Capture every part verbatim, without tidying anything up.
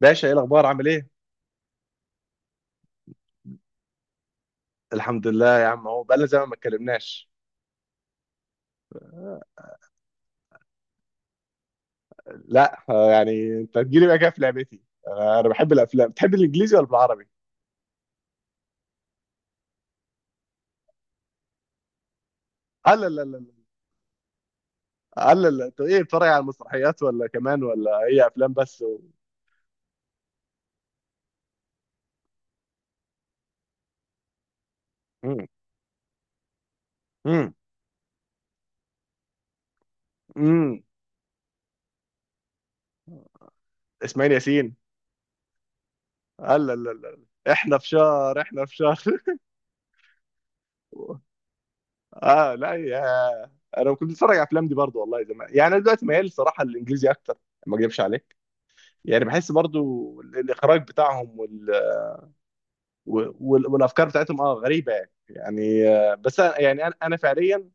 باشا ايه الاخبار عامل ايه؟ الحمد لله يا عم اهو بقالنا زمان ما اتكلمناش. لا آه، يعني انت تجيلي بقى كده في لعبتي. آه، انا بحب الافلام. بتحب الانجليزي ولا بالعربي؟ لا لا لا لا. لا لا انت ايه، بتتفرج على المسرحيات ولا كمان، ولا هي افلام بس و... مم. مم. مم. اسماعيل ياسين. لا لا لا لا. احنا في شهر، احنا في شهر. اه لا يا. انا كنت بتفرج على الافلام دي برضو والله زمان. يعني انا دلوقتي ميال صراحه للانجليزي اكتر، ما اكذبش عليك. يعني بحس برضو الاخراج بتاعهم و- وال- والافكار بتاعتهم اه غريبه، يعني يعني آه، بس أنا- يعني انا أنا فعليا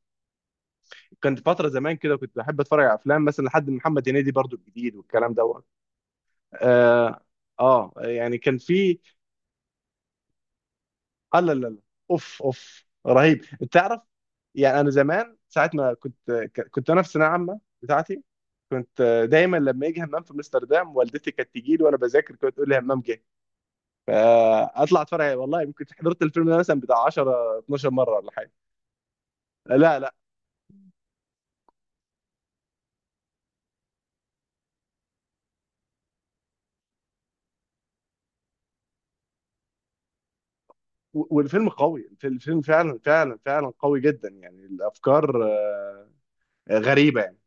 كنت فتره زمان كده كنت بحب اتفرج على افلام، مثلا لحد محمد هنيدي برضو الجديد والكلام دوت. اه اه، يعني كان في. آه لا لا لا، اوف اوف، رهيب. انت تعرف، يعني انا زمان ساعه ما كنت ك- كنت انا في ثانويه عامه بتاعتي، كنت آه، دايما لما يجي همام في امستردام، والدتي كانت تجي لي وانا بذاكر كانت تقول لي همام جه، فاطلع اتفرج عليه. والله يمكن حضرت الفيلم ده مثلا بتاع عشرة اتناشر مره ولا حاجه. لا. والفيلم قوي، الفيلم فعلا فعلا فعلا قوي جدا. يعني الافكار آه، غريبه يعني.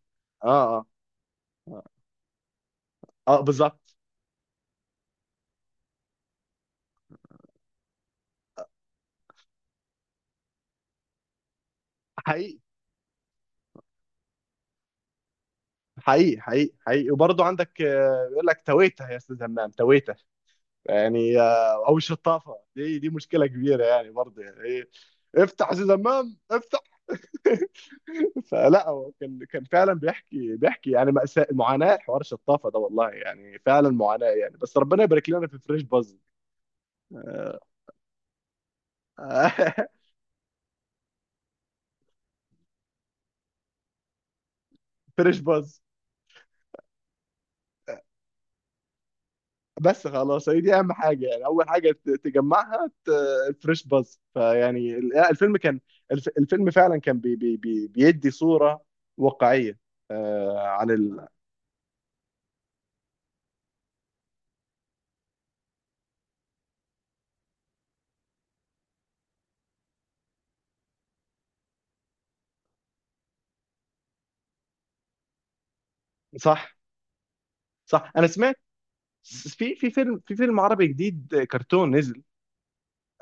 اه اه اه، آه بالظبط. حقيقي حقيقي حقيقي حقيقي. وبرضه عندك آه، بيقول لك تويته يا استاذ همام تويته. يعني آه، او الشطافه، دي دي مشكله كبيره يعني، برضه يعني إيه، افتح يا استاذ همام، افتح. فلا هو كان كان فعلا بيحكي بيحكي يعني مأساة، معاناة حوار الشطافة ده والله، يعني فعلا معاناة يعني. بس ربنا يبارك لنا في فريش باز. فريش باز. بس خلاص هي دي اهم حاجه يعني، اول حاجه ت- تجمعها ت- الفريش باز، فيعني ال- لا، الفيلم كان. الف- الفيلم فعلا كان بي بي بي بيدي صوره واقعيه آه، عن ال... صح صح. انا سمعت س- في في فيلم في فيلم عربي جديد آه، كرتون نزل.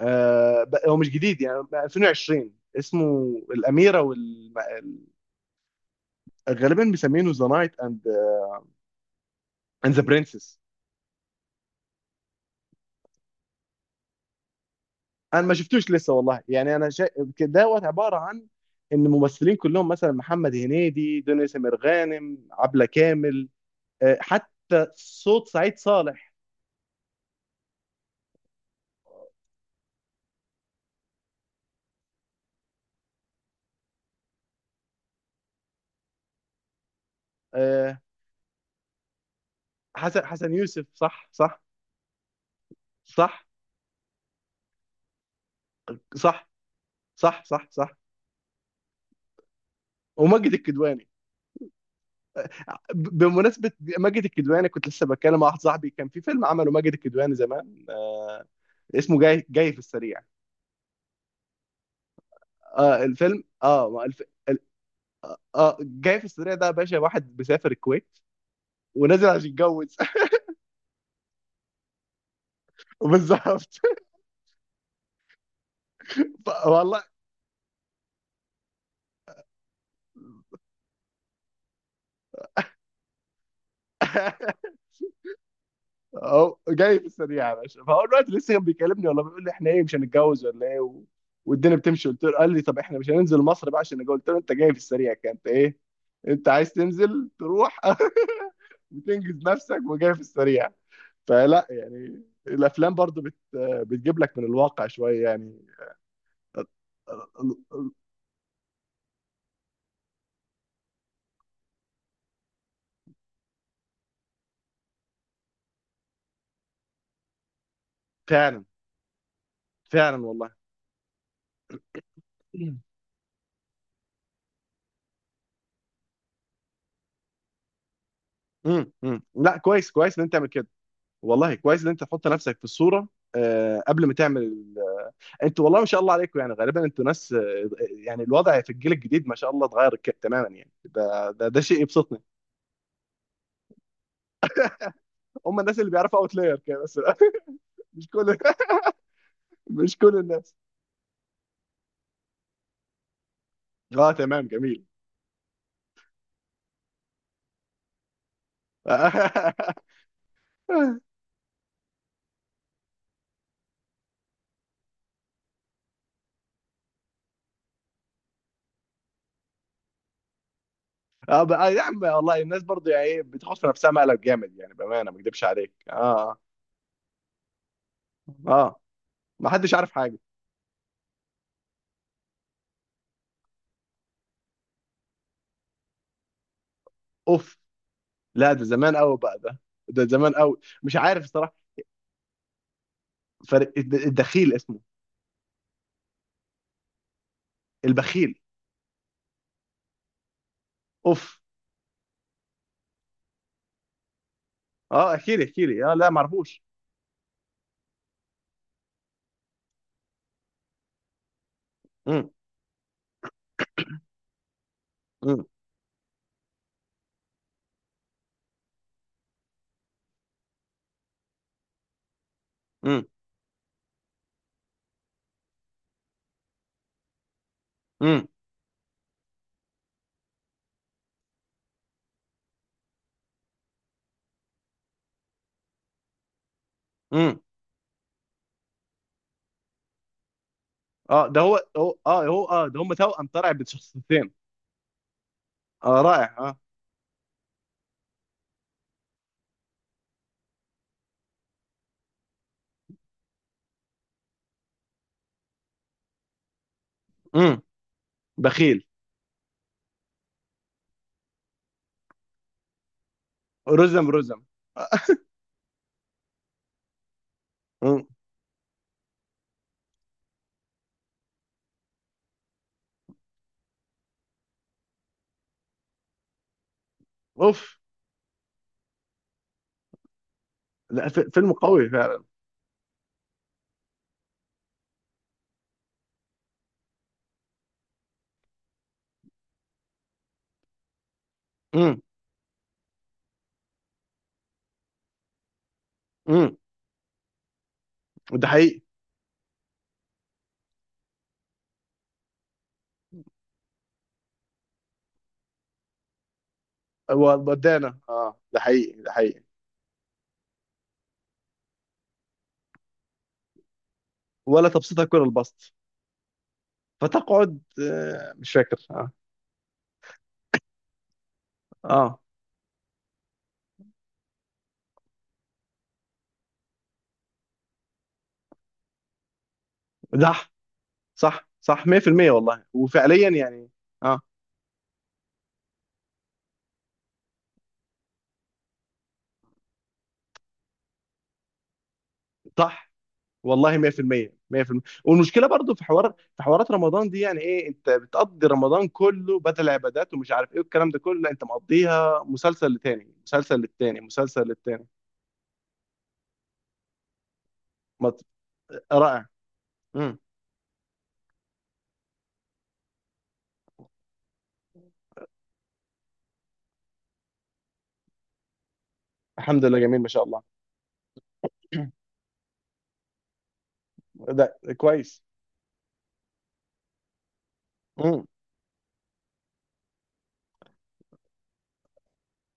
آه، ب- هو مش جديد، يعني ألفين وعشرين. اسمه الاميره وال الم- ال- غالبا مسمينه ذا نايت اند اند ذا برنسس. انا ما شفتوش لسه والله، يعني انا شا... دوت عباره عن ان ممثلين كلهم، مثلا محمد هنيدي، دنيا سمير غانم، عبله كامل، آه، حتى صوت سعيد صالح. آه، حسن حسن يوسف، صح صح. صح صح صح صح صح. وماجد الكدواني. ب- بمناسبة ماجد الكدواني، كنت لسه بتكلم مع واحد صاحبي كان في فيلم عمله ماجد الكدواني زمان، آه، اسمه جاي جاي في السريع. آه الفيلم، اه ما الف... ال- اه، جاي في السريع ده يا باشا، واحد بيسافر الكويت ونازل عشان يتجوز. بالظبط. ف- والله. هو جاي في السريع يا باشا، فهو الوقت لسه كان بيكلمني والله، بيقول لي احنا ايه، مش هنتجوز ولا ايه و... والدنيا بتمشي، قلت له. قال لي طب احنا مش هننزل مصر بقى عشان نتجوز؟ قلت له انت جاي في السريع، كان انت ايه، انت عايز تنزل تروح وتنجز نفسك وجاي في السريع. فلا يعني الافلام برضو بت... بتجيب لك من الواقع شويه يعني. فعلا فعلا والله. مم. مم. مم. لا، كويس كويس ان انت تعمل كده. والله كويس ان انت تحط نفسك في الصوره آه، قبل ما تعمل ال- انتوا والله ما شاء الله عليكم، يعني غالبا انتوا ناس آه، يعني الوضع في الجيل الجديد ما شاء الله اتغير ك- تماما، يعني ده ده ده شيء يبسطني. هم الناس اللي بيعرفوا اوتلاير كده بس. مش كل مش كل الناس. اه تمام، جميل. اه بقى يا عم والله الناس برضه يعني ايه، بتحط في نفسها مقلب جامد يعني، بامانه ما اكدبش عليك. اه اه آه. ما حدش عارف حاجه. اوف. لا ده زمان قوي بقى ده، ده زمان قوي، مش عارف الصراحه. فرق الد- الدخيل اسمه البخيل. اوف. اه، احكي لي احكي لي، اه لا ما اعرفوش. مم. مم. مم. مم. مم. اه، ده هو هو اه هو اه ده، هم توأم طلع بشخصيتين. اه رائع اه. مم. بخيل. رزم رزم. مم. اوف. لا ف- فيلم قوي فعلا. مم. مم. ده حقيقي. ودانا، اه ده حقيقي ده حقيقي. ولا تبسطها كل البسط، فتقعد آه مش فاكر اه اه ده. صح صح ميه بالميه والله، وفعليا يعني. اه صح والله ميه بالميه ميه بالميه. والمشكله برضو في حوار، في حوارات رمضان دي، يعني ايه، انت بتقضي رمضان كله بدل عبادات ومش عارف ايه والكلام ده كله. لا، انت مقضيها مسلسل لتاني، مسلسل للتاني، مسلسل للتاني. مط... رائع. مم. الحمد لله، جميل ما شاء الله. ده كويس. مم.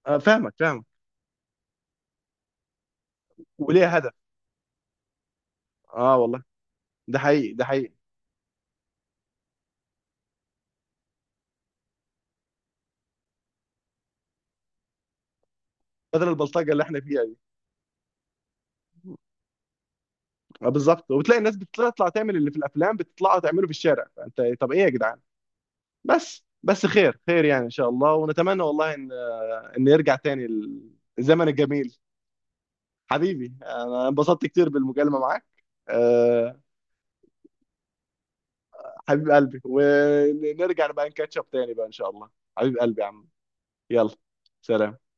آه فاهمك فاهمك. وليه هدف. اه والله، ده حقيقي ده حقيقي. بدل البلطجه اللي احنا فيها دي. آه بالظبط، وبتلاقي الناس بتطلع تعمل اللي في الافلام، بتطلع تعمله في الشارع، فانت إيه، طب ايه يا جدعان. بس بس، خير خير يعني ان شاء الله، ونتمنى والله ان يرجع تاني الزمن الجميل. حبيبي، انا انبسطت كتير بالمكالمة معاك. أه. حبيب قلبي، ونرجع بقى نكاتشب تاني بقى ان شاء الله. حبيب قلبي يا عم. يلا. سلام.